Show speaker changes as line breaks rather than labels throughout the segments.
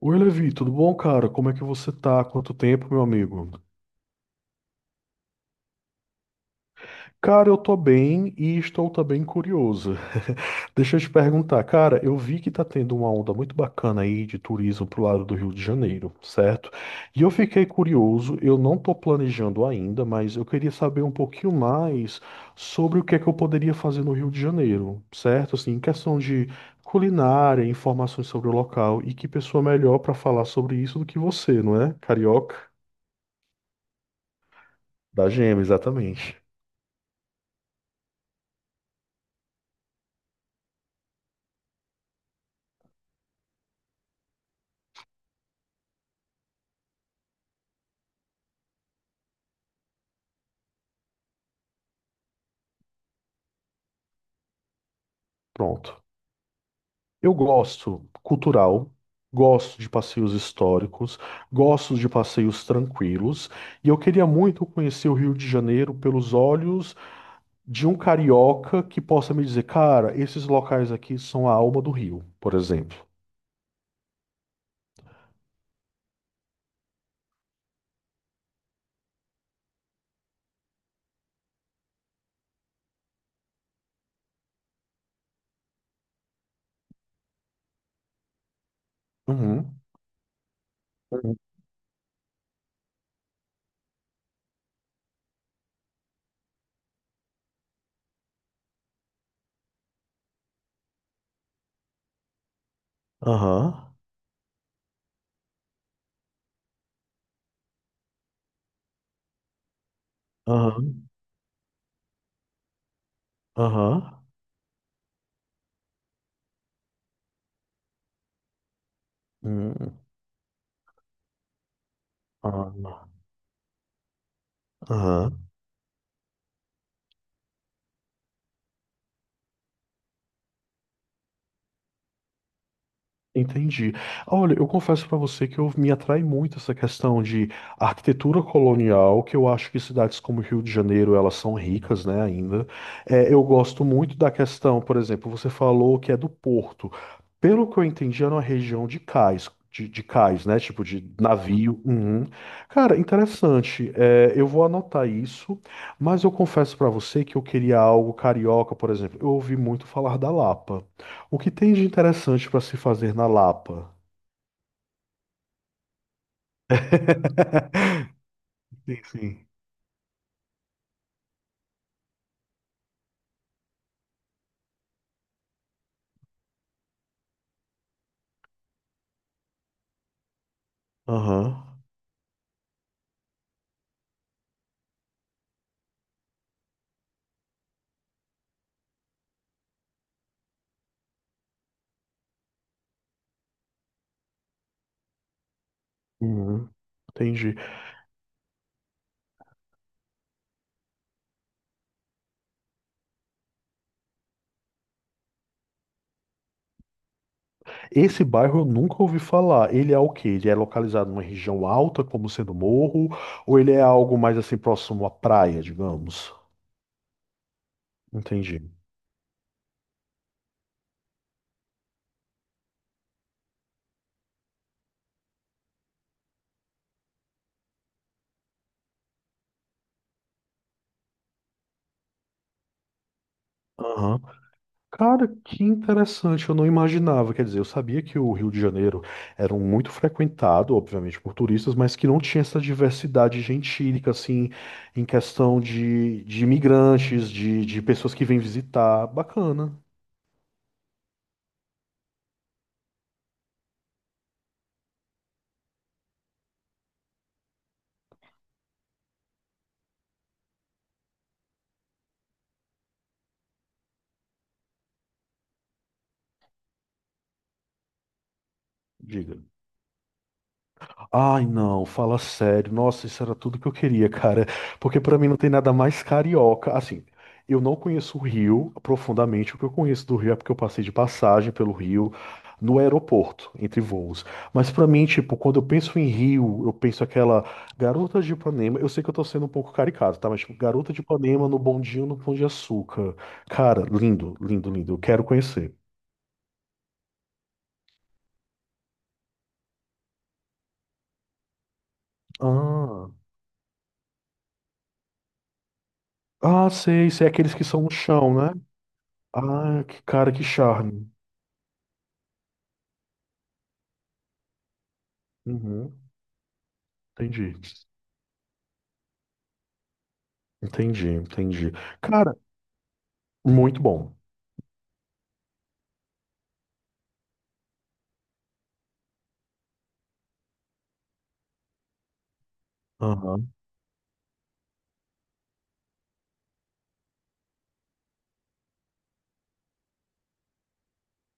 Oi, Levi, tudo bom, cara? Como é que você tá? Quanto tempo, meu amigo? Cara, eu tô bem e estou também curioso. Deixa eu te perguntar, cara, eu vi que tá tendo uma onda muito bacana aí de turismo pro lado do Rio de Janeiro, certo? E eu fiquei curioso, eu não tô planejando ainda, mas eu queria saber um pouquinho mais sobre o que é que eu poderia fazer no Rio de Janeiro, certo? Assim, em questão de culinária, informações sobre o local e que pessoa melhor pra falar sobre isso do que você, não é? Carioca. Da gema, exatamente. Pronto. Eu gosto cultural, gosto de passeios históricos, gosto de passeios tranquilos, e eu queria muito conhecer o Rio de Janeiro pelos olhos de um carioca que possa me dizer, cara, esses locais aqui são a alma do Rio, por exemplo. Uhum. Aham. Aham. Aham. Aham. Hum. Aham. Aham. Entendi. Olha, eu confesso para você que eu me atrai muito essa questão de arquitetura colonial, que eu acho que cidades como Rio de Janeiro, elas são ricas, né, ainda. É, eu gosto muito da questão, por exemplo, você falou que é do Porto. Pelo que eu entendi, era uma região de cais, de cais, né, tipo de navio. Uhum. Cara, interessante. É, eu vou anotar isso, mas eu confesso para você que eu queria algo carioca, por exemplo. Eu ouvi muito falar da Lapa. O que tem de interessante para se fazer na Lapa? Sim, sim. Aham. Uhum. Entendi. Esse bairro eu nunca ouvi falar. Ele é o quê? Ele é localizado numa região alta, como sendo morro, ou ele é algo mais assim próximo à praia, digamos? Entendi. Aham. Cara, que interessante, eu não imaginava. Quer dizer, eu sabia que o Rio de Janeiro era um muito frequentado, obviamente, por turistas, mas que não tinha essa diversidade gentílica, assim, em questão de imigrantes, de pessoas que vêm visitar. Bacana, diga. Ai, não, fala sério. Nossa, isso era tudo que eu queria, cara. Porque pra mim não tem nada mais carioca. Assim, eu não conheço o Rio profundamente. O que eu conheço do Rio é porque eu passei de passagem pelo Rio no aeroporto, entre voos. Mas pra mim, tipo, quando eu penso em Rio, eu penso aquela garota de Ipanema. Eu sei que eu tô sendo um pouco caricato, tá? Mas, tipo, garota de Ipanema no bondinho no Pão de Açúcar. Cara, lindo, lindo, lindo. Eu quero conhecer. Ah, ah, sei, sei. Aqueles que são no chão, né? Ah, que cara, que charme. Uhum, entendi. Entendi, entendi. Cara, muito bom.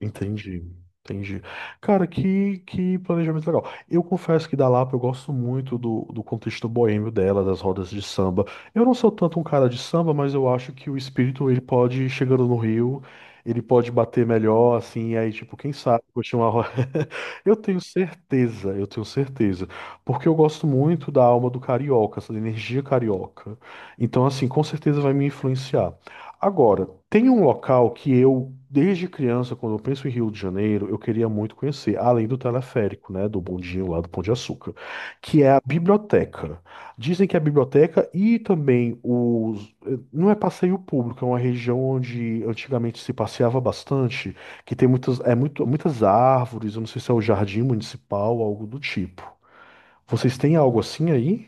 Entendi, entendi. Cara, que planejamento legal. Eu confesso que da Lapa eu gosto muito do, do contexto boêmio dela, das rodas de samba. Eu não sou tanto um cara de samba, mas eu acho que o espírito ele pode, chegando no Rio, ele pode bater melhor, assim, e aí, tipo, quem sabe, curtir uma roda. Eu tenho certeza, eu tenho certeza. Porque eu gosto muito da alma do carioca, essa energia carioca. Então, assim, com certeza vai me influenciar. Agora, tem um local que eu, desde criança, quando eu penso em Rio de Janeiro, eu queria muito conhecer, além do teleférico, né, do bondinho lá do Pão de Açúcar, que é a biblioteca. Dizem que é a biblioteca e também os... Não é passeio público, é uma região onde antigamente se passeava bastante, que tem muitas, é muito, muitas árvores, eu não sei se é o jardim municipal, algo do tipo. Vocês têm algo assim aí?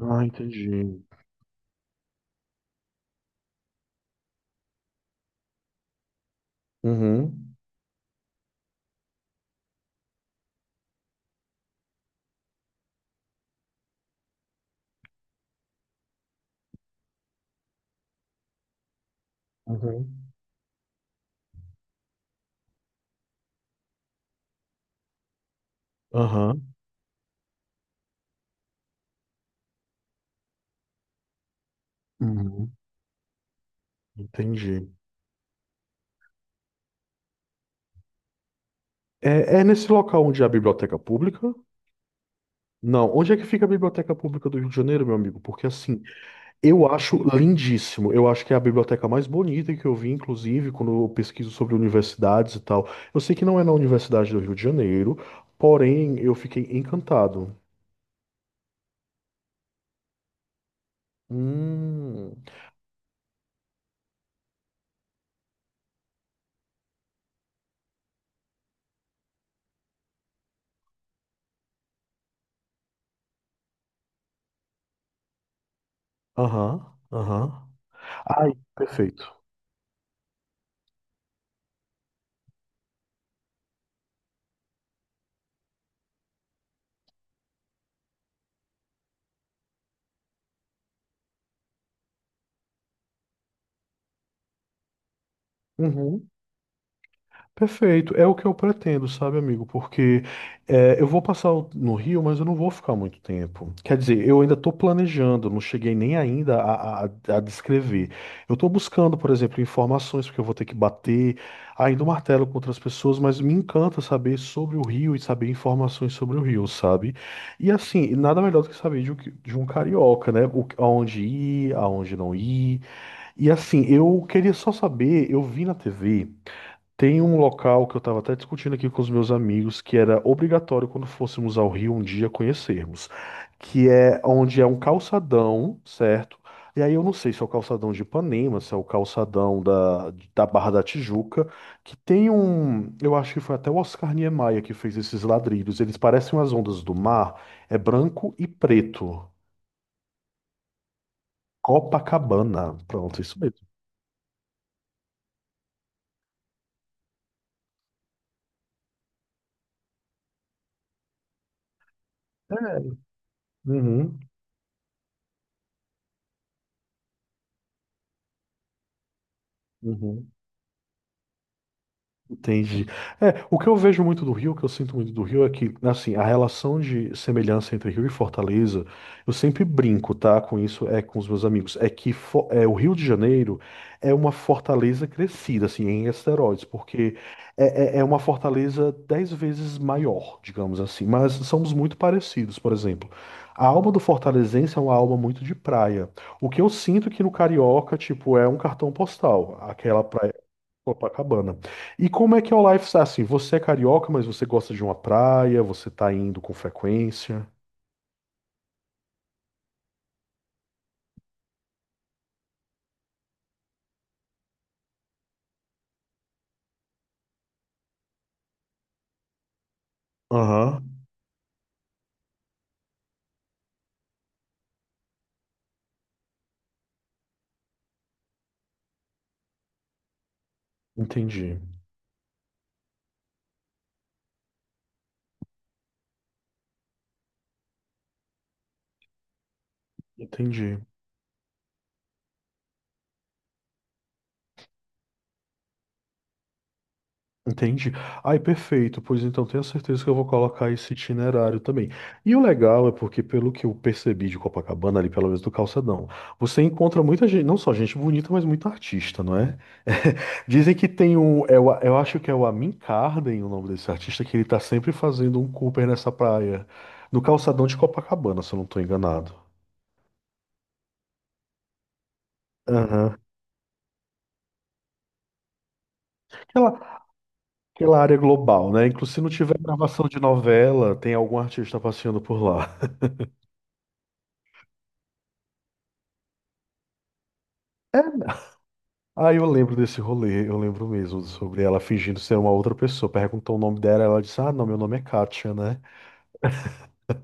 Ah, entendi. Uhum. Uhum. Aham. Uhum. Entendi. É, é nesse local onde há a biblioteca pública? Não, onde é que fica a biblioteca pública do Rio de Janeiro, meu amigo? Porque assim, eu acho lindíssimo. Eu acho que é a biblioteca mais bonita que eu vi, inclusive, quando eu pesquiso sobre universidades e tal. Eu sei que não é na Universidade do Rio de Janeiro, porém eu fiquei encantado. Hum. Aham, aham. Ai, perfeito. Uhum. Perfeito, é o que eu pretendo, sabe, amigo? Porque é, eu vou passar o- no Rio, mas eu não vou ficar muito tempo. Quer dizer, eu ainda estou planejando, não cheguei nem ainda a descrever. Eu estou buscando, por exemplo, informações, porque eu vou ter que bater ainda o martelo com outras pessoas, mas me encanta saber sobre o Rio e saber informações sobre o Rio, sabe? E assim, nada melhor do que saber de, um que- de um carioca, né? O, aonde ir, aonde não ir. E assim, eu queria só saber, eu vi na TV. Tem um local que eu estava até discutindo aqui com os meus amigos que era obrigatório quando fôssemos ao Rio um dia conhecermos, que é onde é um calçadão, certo? E aí eu não sei se é o calçadão de Ipanema, se é o calçadão da Barra da Tijuca, que tem um, eu acho que foi até o Oscar Niemeyer que fez esses ladrilhos. Eles parecem as ondas do mar, é branco e preto. Copacabana. Pronto, isso mesmo. Uhum, uhum. Entendi. É, o que eu vejo muito do Rio, o que eu sinto muito do Rio é que, assim, a relação de semelhança entre Rio e Fortaleza, eu sempre brinco, tá, com isso, é com os meus amigos, é que Fo- é, o Rio de Janeiro é uma fortaleza crescida, assim, em esteroides, porque é, é uma fortaleza dez vezes maior, digamos assim, mas somos muito parecidos, por exemplo. A alma do fortalezense é uma alma muito de praia. O que eu sinto é que no Carioca, tipo, é um cartão postal. Aquela praia Copacabana. E como é que é o lifestyle? Assim, você é carioca, mas você gosta de uma praia, você tá indo com frequência. Aham, entendi. Entendi. Entendi. Ai, perfeito. Pois então, tenho certeza que eu vou colocar esse itinerário também. E o legal é porque, pelo que eu percebi de Copacabana, ali pelo menos do calçadão, você encontra muita gente, não só gente bonita, mas muito artista, não é? Dizem que tem um, eu acho que é o Amin Carden, o nome desse artista, que ele tá sempre fazendo um Cooper nessa praia, no calçadão de Copacabana, se eu não tô enganado. Aham. Aquela, aquela área global, né? Inclusive, se não tiver gravação de novela, tem algum artista passeando por lá. Aí eu lembro desse rolê, eu lembro mesmo sobre ela fingindo ser uma outra pessoa. Perguntou o nome dela, ela disse: Ah, não, meu nome é Kátia, né?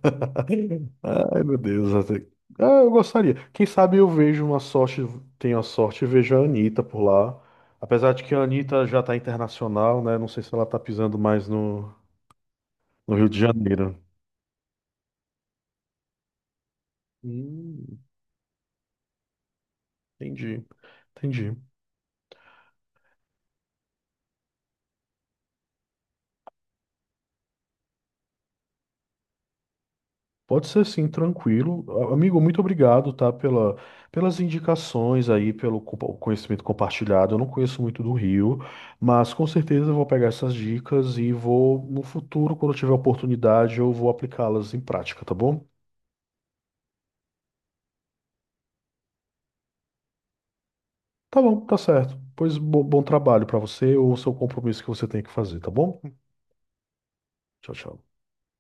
Ai, meu Deus. Até- Ah, eu gostaria. Quem sabe eu vejo uma sorte, tenho a sorte e vejo a Anitta por lá. Apesar de que a Anitta já tá internacional, né? Não sei se ela tá pisando mais no, no Rio de Janeiro. Hum, entendi. Entendi. Pode ser sim, tranquilo. A- Amigo, muito obrigado, tá, pela, pelas indicações aí, pelo compa- conhecimento compartilhado. Eu não conheço muito do Rio, mas com certeza eu vou pegar essas dicas e vou, no futuro, quando eu tiver oportunidade, eu vou aplicá-las em prática, tá bom? Tá bom, tá certo. Pois bo- bom trabalho pra você ou seu compromisso que você tem que fazer, tá bom? Tchau, tchau.